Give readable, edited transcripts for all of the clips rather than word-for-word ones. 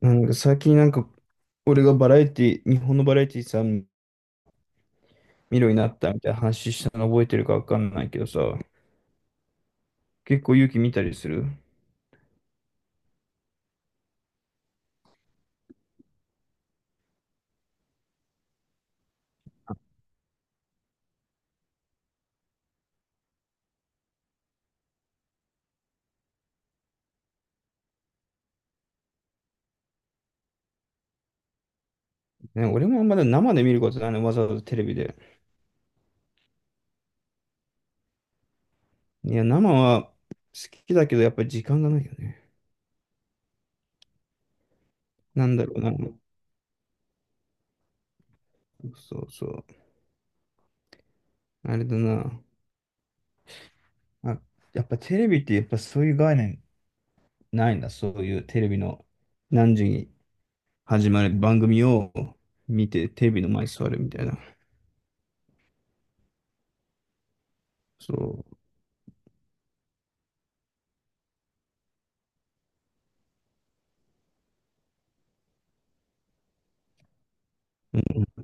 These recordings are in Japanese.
なんか最近なんか、俺がバラエティ、日本のバラエティさ、見るようになったみたいな話したの覚えてるかわかんないけどさ、結構勇気見たりする。ね、俺もまだ生で見ることないねわざわざテレビで。いや、生は好きだけど、やっぱり時間がないよね。なんだろうな。そうそう。あれだな。あ、やっぱテレビってやっぱそういう概念ないんだ。そういうテレビの何時に始まる番組を見て、テレビの前に座るみたいな。そう。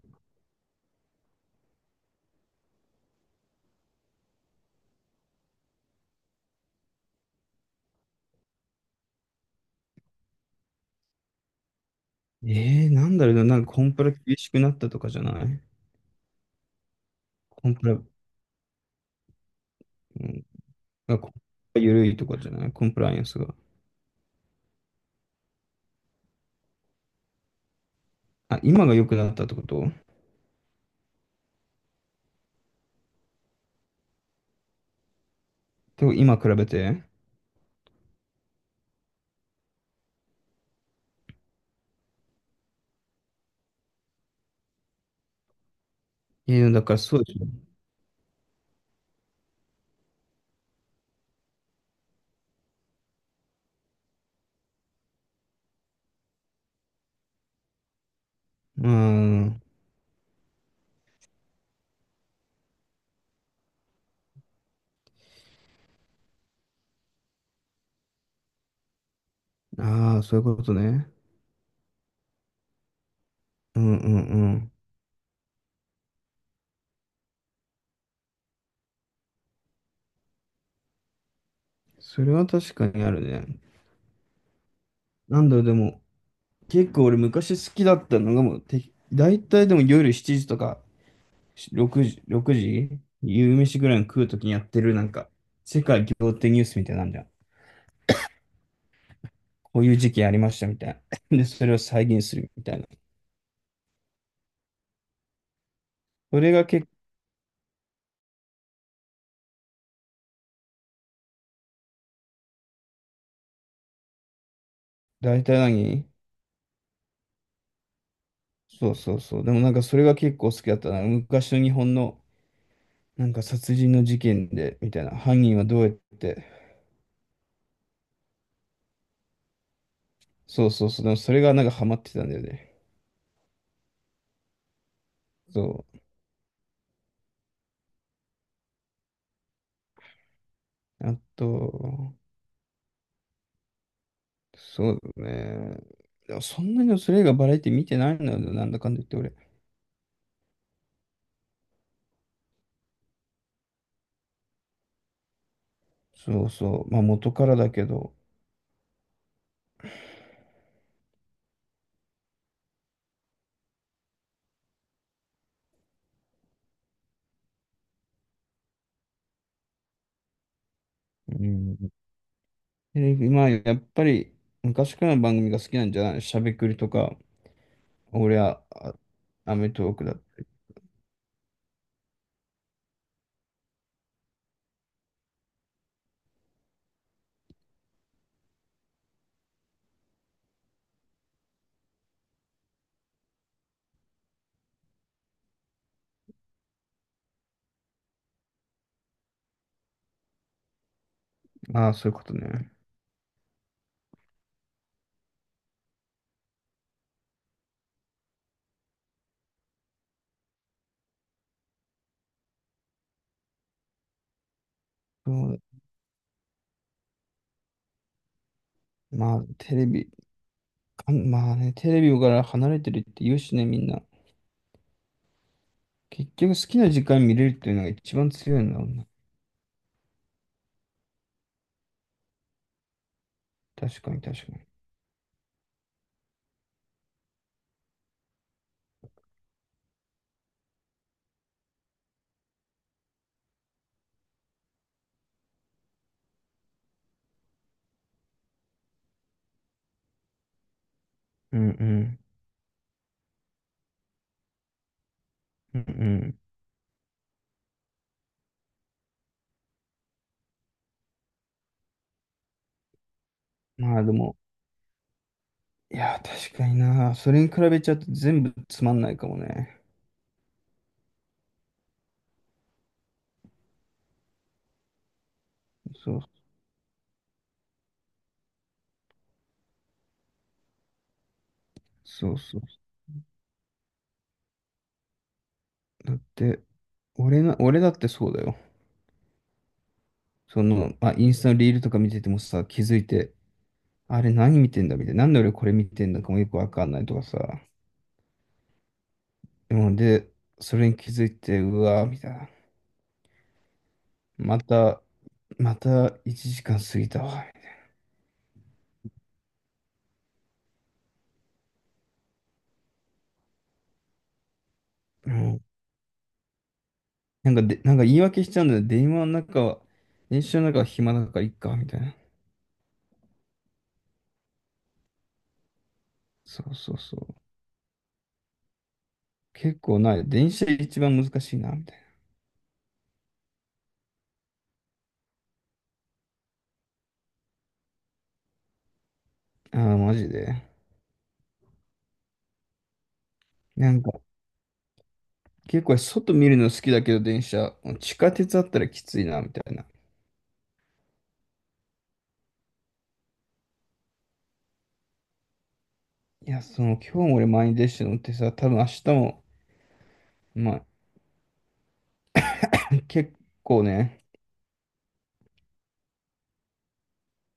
なんだろうな、なんかコンプラ厳しくなったとかじゃない。コンプラ、うん、コンプラ緩いとかじゃないコンプライアンスが。あ、今が良くなったってこと？でも今比べてだからそうでしょ。うん。ああ、そういうことね。うんうんうん。それは確かにあるね。なんだろう、でも、結構俺昔好きだったのがもう、て、大体でも夜7時とか6時、夕飯ぐらいの食うときにやってるなんか、世界仰天ニュースみたいなんじゃん。こういう事件ありましたみたいな。で、それを再現するみたいな。それが結構、大体何そうそうそう。でもなんかそれが結構好きだったな。昔の日本のなんか殺人の事件で、みたいな。犯人はどうやって。そうそうそう。でもそれがなんかハマってたんだよね。そう。あと、そうだね。でもそんなにそれ以外バラエティ見てないんだよ、なんだかんだ言って俺。そうそう。まあ元からだけど。うん。テレビまあやっぱり昔からの番組が好きなんじゃない？しゃべくりとか。俺は、アメトーークだ。ああ、そういうことね。そうだまあ、テレビ、まあね、テレビから離れてるって言うしね、みんな。結局好きな時間見れるっていうのが一番強いんだもんな。確かに、確かに。うんうん。うんうん。まあでも、いや、確かにな。それに比べちゃうと全部つまんないかもね。そうそうそう。だって、俺だってそうだよ。その、まあ、インスタのリールとか見ててもさ、気づいて、あれ何見てんだみたいな。なんで俺これ見てんだかもよくわかんないとかさ。でもで、それに気づいて、うわーみたいな。また、また1時間過ぎたわ。うん。なんかで、なんか言い訳しちゃうんだよ。電車の中は暇だからいっか、みたいな。そうそうそう。結構ない。電車一番難しいな、みたいな。ああ、マジで。なんか、結構外見るの好きだけど、電車。地下鉄あったらきついな、みたいな。いや、その、今日も俺満員電車乗ってさ、多分明日も、まあ、結構ね、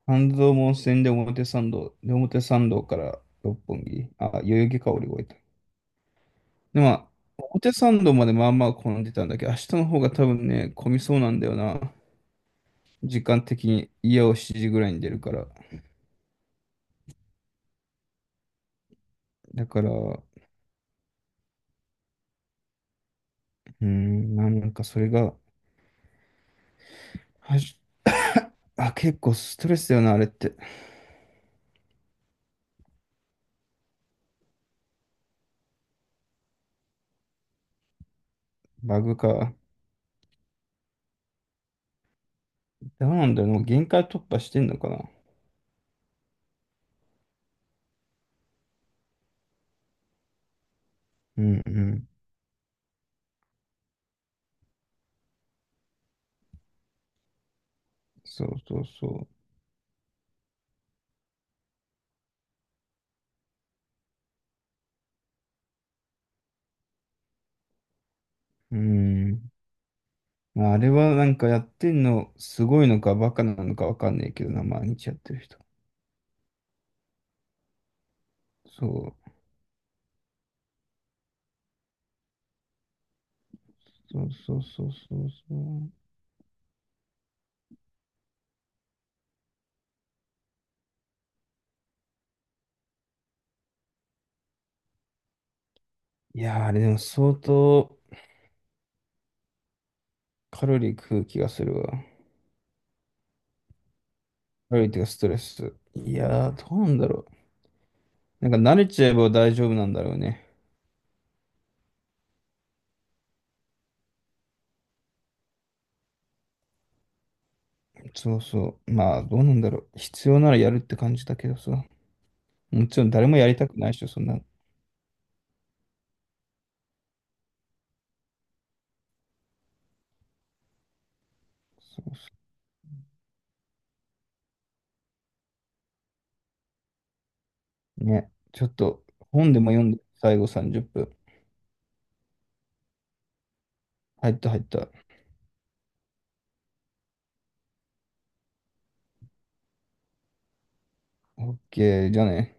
半蔵門線で表参道、表参道から六本木、あ、代々木か降り終えた。で、まあ、表参道までまあまあ混んでたんだけど、明日の方が多分ね、混みそうなんだよな。時間的に家を7時ぐらいに出るから。だから、うーん、なんかそれが、はじあ、結構ストレスだよな、あれって。バグか。どうなんだろう、もう限界突破してんのかな。うんうん。そうそうそう。うーん。まあ、あれはなんかやってんの、すごいのかバカなのかわかんないけどな、毎日やってる人。そう。そうそうそうそうそう。いやー、あれでも相当カロリー食う気がするわ。カロリーっていうかストレス。いやー、どうなんだろう。なんか慣れちゃえば大丈夫なんだろうね。そうそう。まあ、どうなんだろう。必要ならやるって感じだけどさ。もちろん誰もやりたくないでしょ、そんな。そうそうね。ちょっと本でも読んで、最後30分。入った入った。オッケーじゃあね。